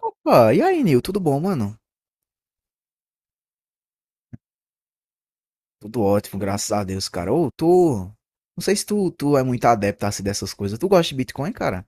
Opa, e aí, Nil? Tudo bom, mano? Tudo ótimo, graças a Deus, cara. Ô, tu. Não sei se tu é muito adepto assim dessas coisas. Tu gosta de Bitcoin, cara?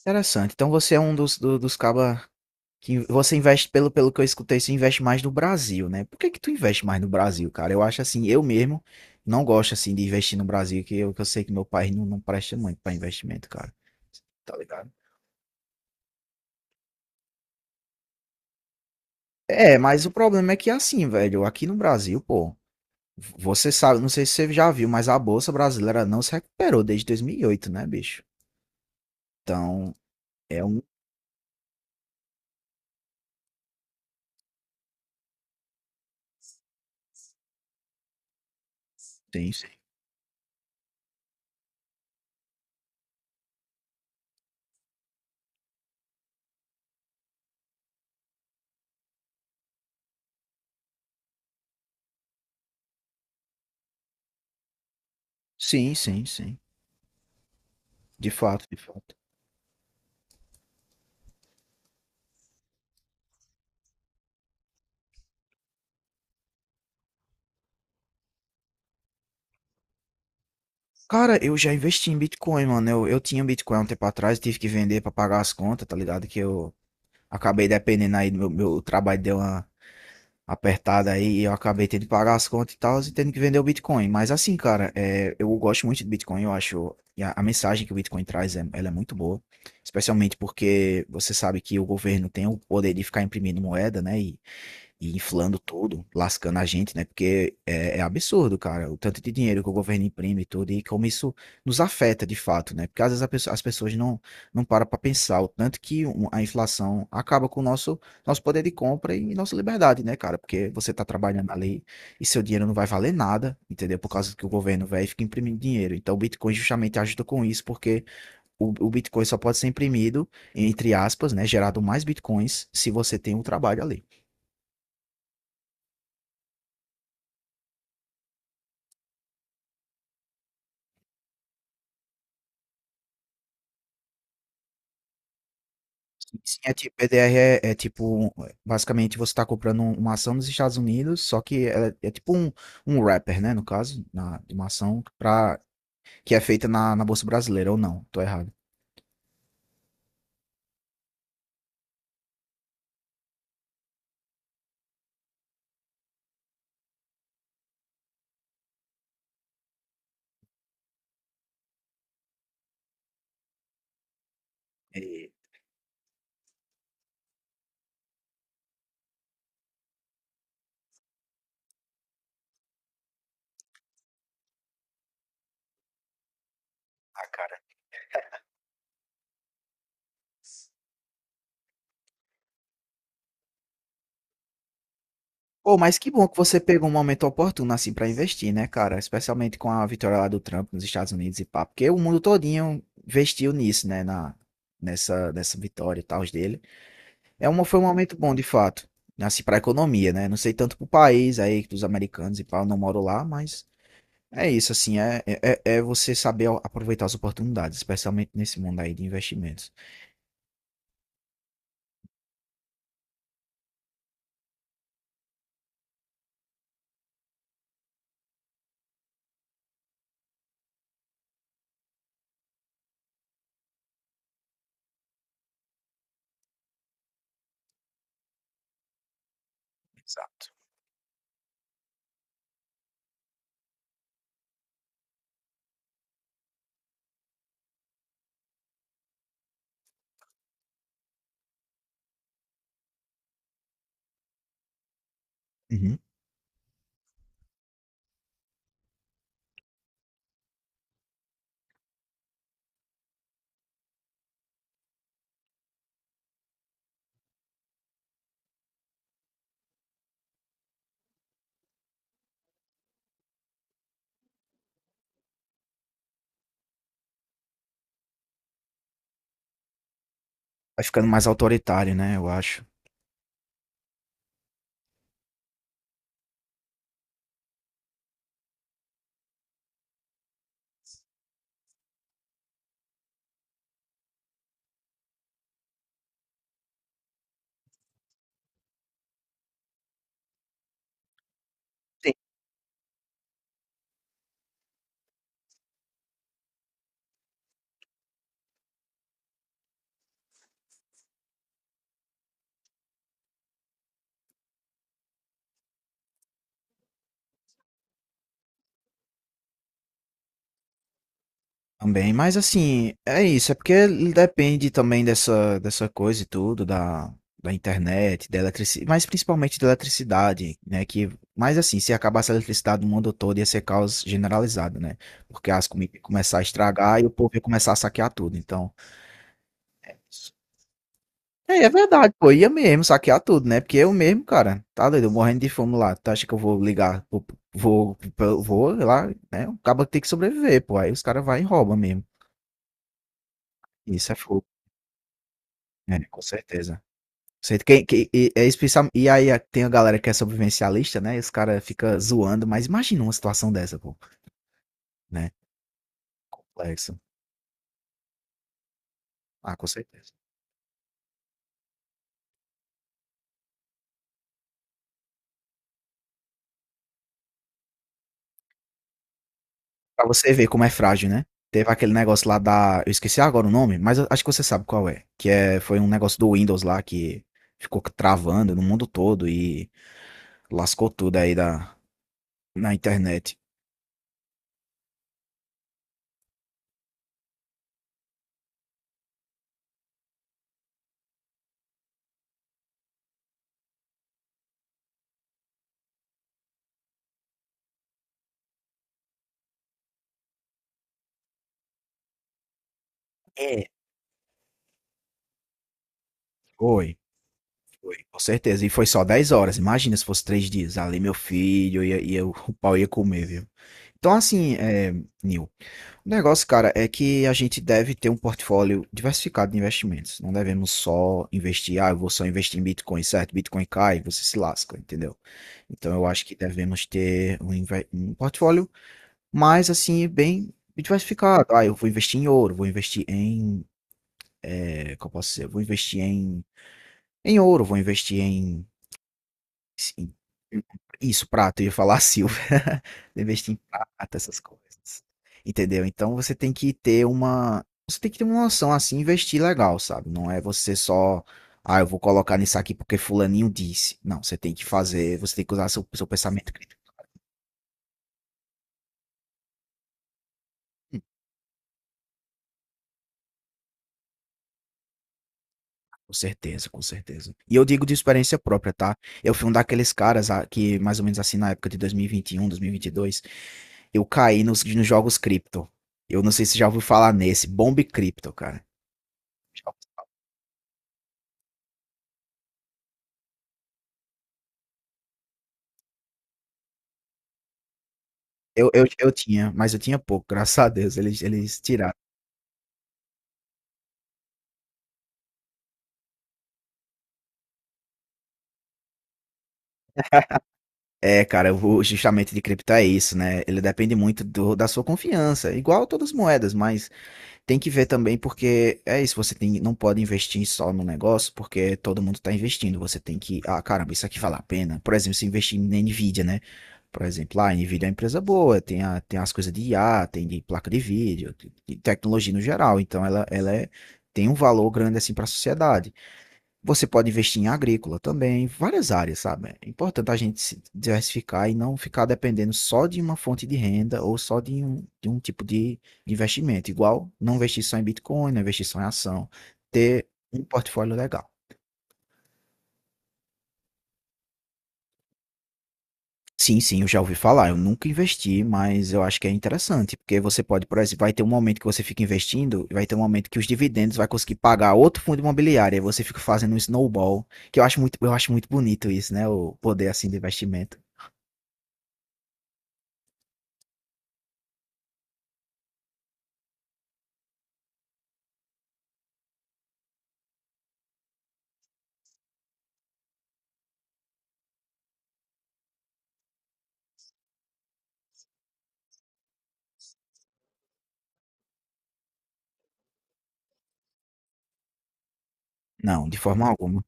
Interessante. Então você é um dos cabas que você investe, pelo que eu escutei, você investe mais no Brasil, né? Por que que tu investe mais no Brasil, cara? Eu acho assim, eu mesmo não gosto assim de investir no Brasil, que eu sei que meu país não presta muito pra investimento, cara. Tá ligado? É, mas o problema é que assim, velho, aqui no Brasil, pô. Você sabe, não sei se você já viu, mas a Bolsa Brasileira não se recuperou desde 2008, né, bicho? Então, é um. Sim, sim. Sim, sim, sim. De fato, de fato. Cara, eu já investi em Bitcoin, mano. Eu tinha Bitcoin há um tempo atrás, tive que vender pra pagar as contas, tá ligado? Que eu acabei dependendo aí do meu trabalho, deu uma apertada aí e eu acabei tendo que pagar as contas e tal, e tendo que vender o Bitcoin. Mas assim, cara, é, eu gosto muito do Bitcoin, eu acho. A mensagem que o Bitcoin traz, é, ela é muito boa. Especialmente porque você sabe que o governo tem o poder de ficar imprimindo moeda, né? E inflando tudo, lascando a gente, né? Porque é, é absurdo, cara, o tanto de dinheiro que o governo imprime e tudo, e como isso nos afeta de fato, né? Porque às vezes a as pessoas não param para pensar o tanto que a inflação acaba com o nosso, nosso poder de compra e nossa liberdade, né, cara? Porque você tá trabalhando ali e seu dinheiro não vai valer nada, entendeu? Por causa que o governo, velho, fica imprimindo dinheiro. Então o Bitcoin justamente ajuda com isso, porque o Bitcoin só pode ser imprimido, entre aspas, né? Gerado mais Bitcoins se você tem um trabalho ali. Sim, é tipo, BDR é, é tipo, basicamente você está comprando uma ação nos Estados Unidos, só que é, é tipo um, um wrapper, né, no caso, na, de uma ação pra, que é feita na Bolsa Brasileira, ou não, tô errado. É. Pô, mas que bom que você pegou um momento oportuno, assim, pra investir, né, cara, especialmente com a vitória lá do Trump nos Estados Unidos e pá, porque o mundo todinho investiu nisso, né, na, nessa vitória e tal dele. É uma, foi um momento bom, de fato. Assim, para a economia, né? Não sei tanto para o país aí, dos americanos e pá, eu não moro lá, mas é isso, assim, é você saber aproveitar as oportunidades, especialmente nesse mundo aí de investimentos. Exato. Uhum. Vai ficando mais autoritário, né? Eu acho. Também, mas assim, é isso, é porque depende também dessa coisa e tudo, da, da internet, da eletricidade, mas principalmente da eletricidade, né? Que, mas assim, se acabasse a eletricidade no mundo todo, ia ser caos generalizado, né? Porque as comidas iam começar a estragar e o povo ia começar a saquear tudo, então. É, é verdade, pô, ia mesmo saquear tudo, né? Porque eu mesmo, cara, tá doido, eu morrendo de fome lá. Tu acha que eu vou ligar, vou, vou, vou lá, né? O cabo tem que sobreviver, pô. Aí os caras vai e rouba mesmo. Isso é fogo. É, com certeza. Sei é especial, e aí tem a galera que é sobrevivencialista, né? E os caras ficam zoando, mas imagina uma situação dessa, pô, né? Complexo. Ah, com certeza. Pra você ver como é frágil, né? Teve aquele negócio lá da. Eu esqueci agora o nome, mas eu acho que você sabe qual é. Que é, foi um negócio do Windows lá que ficou travando no mundo todo e lascou tudo aí da, na internet. É. Foi, foi, com certeza. E foi só 10 horas. Imagina se fosse 3 dias. Ali, meu filho, o pau ia comer, viu? Então, assim, é, Nil, o negócio, cara, é que a gente deve ter um portfólio diversificado de investimentos. Não devemos só investir, ah, eu vou só investir em Bitcoin, certo? Bitcoin cai, você se lasca, entendeu? Então, eu acho que devemos ter um portfólio mais, assim, bem diversificado. Ah, eu vou investir em ouro, vou investir em, é, qual posso ser? Vou investir em, em ouro, vou investir em Sim. Isso, prata, eu ia falar silver. Investir em prata, essas coisas. Entendeu? Então você tem que ter uma. Você tem que ter uma noção assim, investir legal, sabe? Não é você só. Ah, eu vou colocar nisso aqui porque fulaninho disse. Não, você tem que fazer, você tem que usar seu pensamento crítico. Hum, Com certeza, com certeza. E eu digo de experiência própria, tá? Eu fui um daqueles caras ah, que, mais ou menos assim, na época de 2021, 2022, eu caí nos jogos cripto. Eu não sei se já ouviu falar nesse, Bomb Cripto, cara. Eu tinha, mas eu tinha pouco, graças a Deus, eles tiraram. É, cara, eu vou justamente de cripto é isso, né? Ele depende muito do, da sua confiança, igual todas as moedas, mas tem que ver também porque é isso, você tem, não pode investir só no negócio porque todo mundo tá investindo, você tem que, ah, caramba, isso aqui vale a pena. Por exemplo, se investir na Nvidia, né? Por exemplo, lá, a Nvidia é uma empresa boa, tem, a, tem as coisas de IA, tem de placa de vídeo, de tecnologia no geral, então ela é, tem um valor grande assim para a sociedade. Você pode investir em agrícola também, várias áreas, sabe? É importante a gente se diversificar e não ficar dependendo só de uma fonte de renda ou só de um tipo de investimento. Igual não investir só em Bitcoin, não investir só em ação. Ter um portfólio legal. Sim, sim, eu já ouvi falar. Eu nunca investi, mas eu acho que é interessante, porque você pode, por exemplo, vai ter um momento que você fica investindo, e vai ter um momento que os dividendos vai conseguir pagar outro fundo imobiliário, aí você fica fazendo um snowball, que eu acho muito bonito isso, né? O poder assim do investimento. Não, de forma alguma.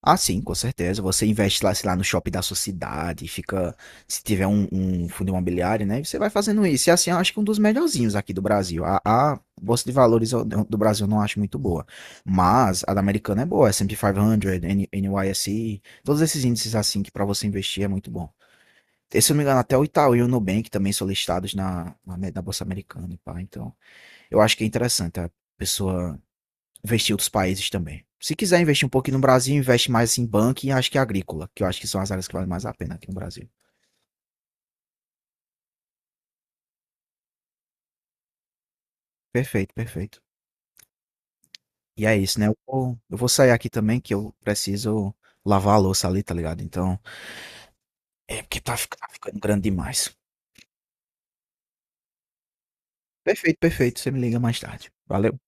Ah, sim, com certeza. Você investe lá, sei lá, no shopping da sua cidade, fica. Se tiver um, um fundo imobiliário, né? Você vai fazendo isso. E assim, eu acho que um dos melhorzinhos aqui do Brasil. A Bolsa de Valores do Brasil eu não acho muito boa. Mas a da Americana é boa. S&P 500, NYSE, todos esses índices assim que para você investir é muito bom. E, se eu não me engano, até o Itaú e o Nubank também são listados na Bolsa Americana, e pá. Então, eu acho que é interessante a pessoa investir em outros países também. Se quiser investir um pouquinho no Brasil, investe mais em banco e acho que é agrícola, que eu acho que são as áreas que valem mais a pena aqui no Brasil. Perfeito, perfeito. E é isso, né? Eu vou sair aqui também, que eu preciso lavar a louça ali, tá ligado? Então, é porque tá, tá ficando grande demais. Perfeito, perfeito. Você me liga mais tarde. Valeu.